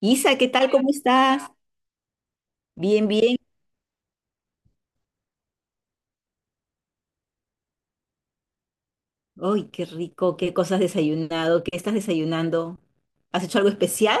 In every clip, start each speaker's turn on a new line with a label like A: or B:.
A: Isa, ¿qué tal? ¿Cómo estás? Bien, bien. Ay, qué rico, qué cosas has desayunado, qué estás desayunando. ¿Has hecho algo especial?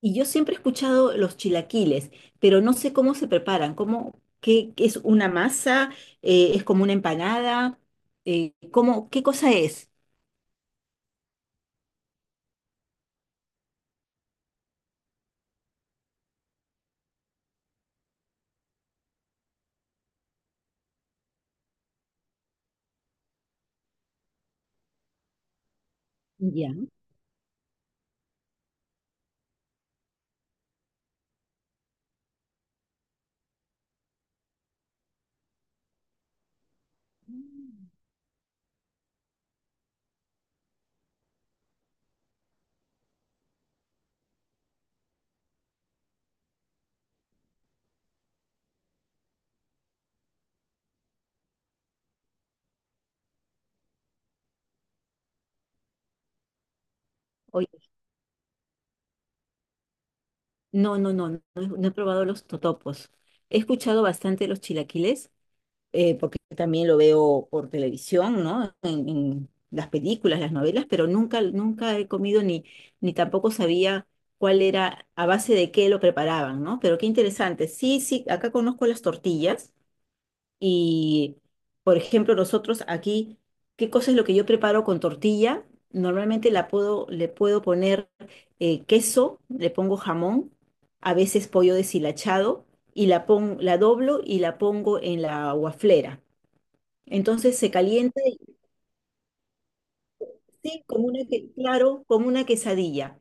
A: Y yo siempre he escuchado los chilaquiles, pero no sé cómo se preparan, cómo, qué, qué es una masa, es como una empanada. Cómo, qué cosa es. Ya. Oye, no, no, no, no, no he probado los totopos. He escuchado bastante los chilaquiles, porque también lo veo por televisión, ¿no? En las películas, las novelas, pero nunca, nunca he comido ni, ni tampoco sabía cuál era, a base de qué lo preparaban, ¿no? Pero qué interesante. Sí, sí, acá conozco las tortillas y, por ejemplo, nosotros aquí, ¿qué cosa es lo que yo preparo con tortilla? Normalmente le puedo poner queso, le pongo jamón, a veces pollo deshilachado y la doblo y la pongo en la guaflera. Entonces se calienta, y sí, claro, como una quesadilla,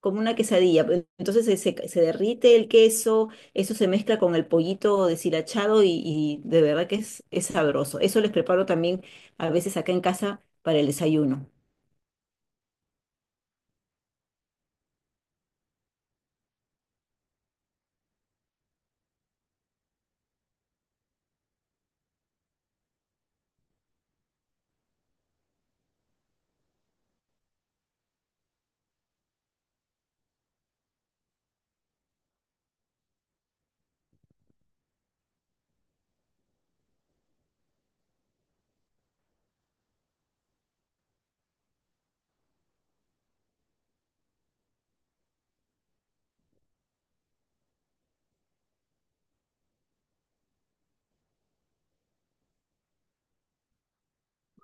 A: como una quesadilla. Entonces se derrite el queso, eso se mezcla con el pollito deshilachado y de verdad que es sabroso. Eso les preparo también a veces acá en casa para el desayuno.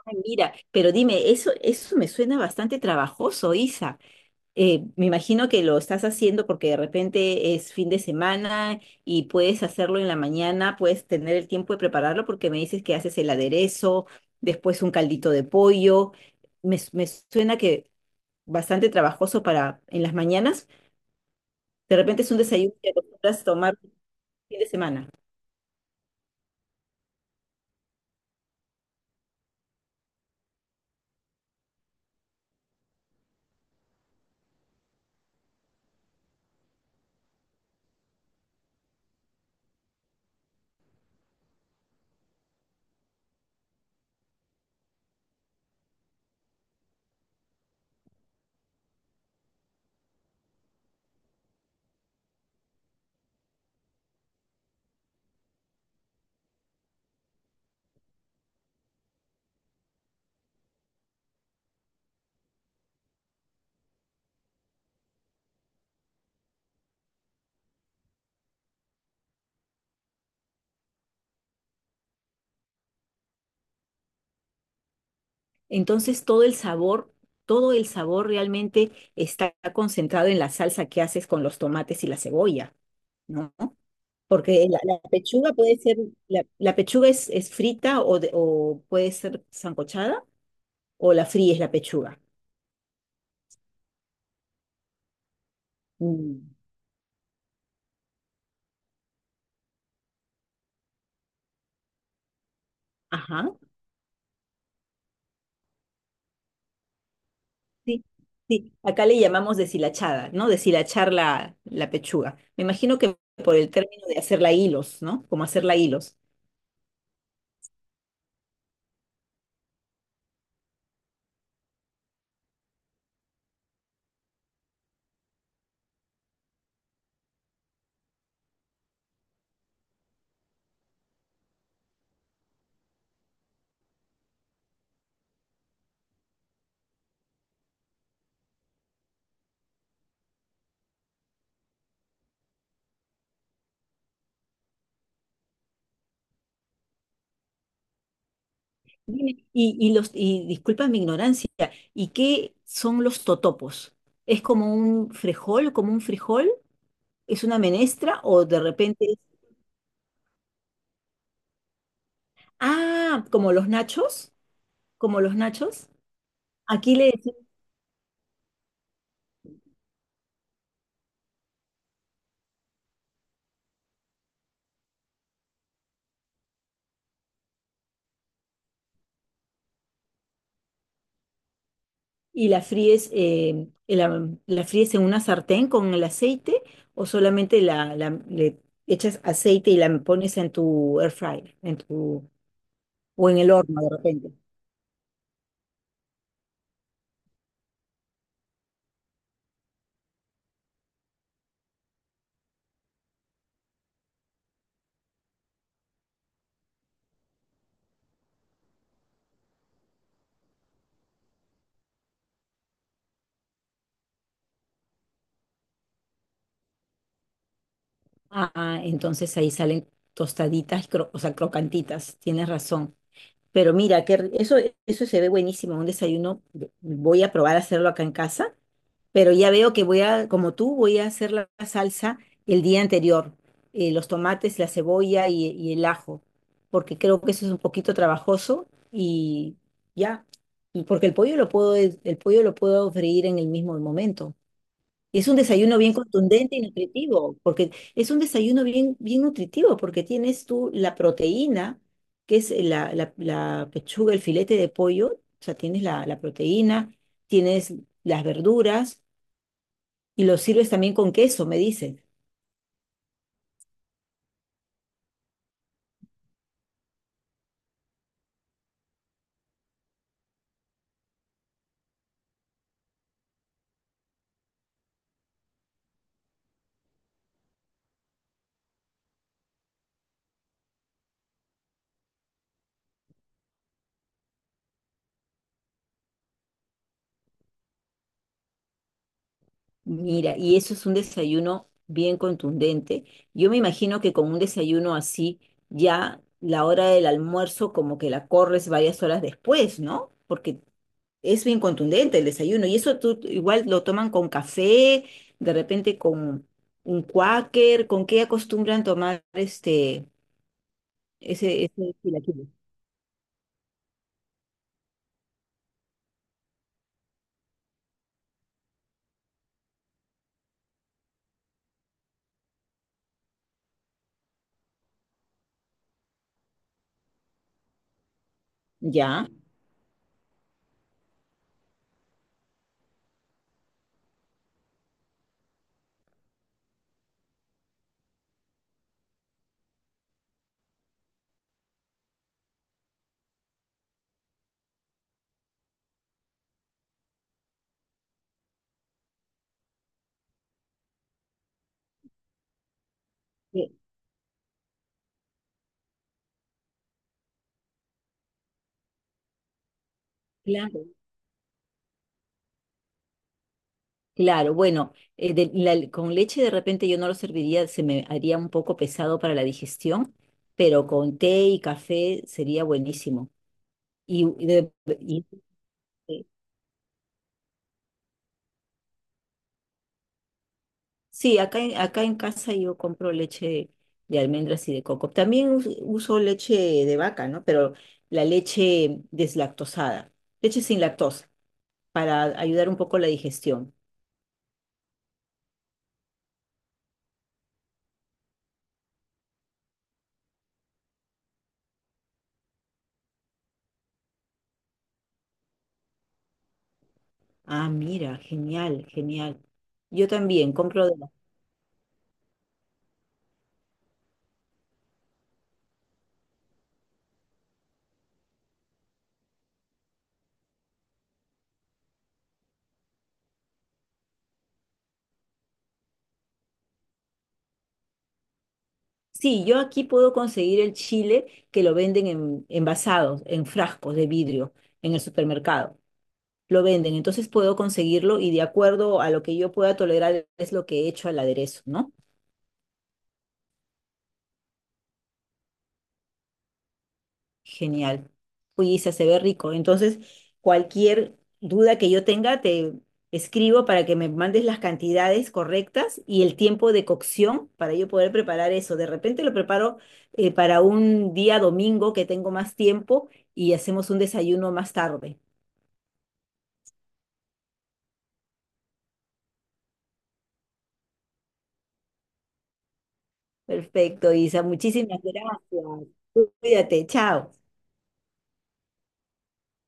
A: Ay, mira, pero dime, eso me suena bastante trabajoso, Isa. Me imagino que lo estás haciendo porque de repente es fin de semana y puedes hacerlo en la mañana, puedes tener el tiempo de prepararlo porque me dices que haces el aderezo, después un caldito de pollo. Me suena que bastante trabajoso para en las mañanas. De repente es un desayuno que acostumbras tomar un fin de semana. Entonces todo el sabor realmente está concentrado en la salsa que haces con los tomates y la cebolla, ¿no? Porque la pechuga puede ser, la pechuga es frita o puede ser sancochada o la fríes la pechuga. Mm. Ajá, sí, sí. Acá le llamamos deshilachada, ¿no? Deshilachar la pechuga. Me imagino que por el término de hacerla hilos, ¿no? Como hacerla hilos. Dime, y los, y disculpa mi ignorancia, ¿y qué son los totopos? ¿Es como un frijol, como un frijol? ¿Es una menestra o de repente es, ah, como los nachos? Como los nachos. Aquí le decimos, y la fríes, la fríes en una sartén con el aceite o solamente le echas aceite y la pones en tu air fryer, en tu, o en el horno de repente. Ah, entonces ahí salen tostaditas, o sea, crocantitas, tienes razón. Pero mira, que eso se ve buenísimo, un desayuno. Voy a probar a hacerlo acá en casa, pero ya veo que voy a, como tú, voy a hacer la salsa el día anterior, los tomates, la cebolla y el ajo, porque creo que eso es un poquito trabajoso y ya, y porque el pollo lo puedo, el pollo lo puedo freír en el mismo momento. Es un desayuno bien contundente y nutritivo, porque es un desayuno bien, bien nutritivo, porque tienes tú la proteína, que es la pechuga, el filete de pollo, o sea, tienes la proteína, tienes las verduras, y lo sirves también con queso, me dice. Mira, y eso es un desayuno bien contundente. Yo me imagino que con un desayuno así, ya la hora del almuerzo como que la corres varias horas después, ¿no? Porque es bien contundente el desayuno. Y eso tú igual lo toman con café, de repente con un cuáquer, ¿con qué acostumbran tomar este, ese chilaquiles? Ya. Eh, claro. Claro, bueno, con leche de repente yo no lo serviría, se me haría un poco pesado para la digestión, pero con té y café sería buenísimo. Y, y- eh, sí, acá en casa yo compro leche de almendras y de coco. También uso leche de vaca, ¿no? Pero la leche deslactosada, leche sin lactosa, para ayudar un poco la digestión. Ah, mira, genial, genial. Yo también compro de la sí, yo aquí puedo conseguir el chile que lo venden en, envasados, en frascos de vidrio, en el supermercado. Lo venden, entonces puedo conseguirlo y de acuerdo a lo que yo pueda tolerar es lo que he hecho al aderezo, ¿no? Genial. Uy, Isa, se ve rico. Entonces, cualquier duda que yo tenga, te escribo para que me mandes las cantidades correctas y el tiempo de cocción para yo poder preparar eso. De repente lo preparo, para un día domingo que tengo más tiempo y hacemos un desayuno más tarde. Perfecto, Isa. Muchísimas gracias. Cuídate. Chao.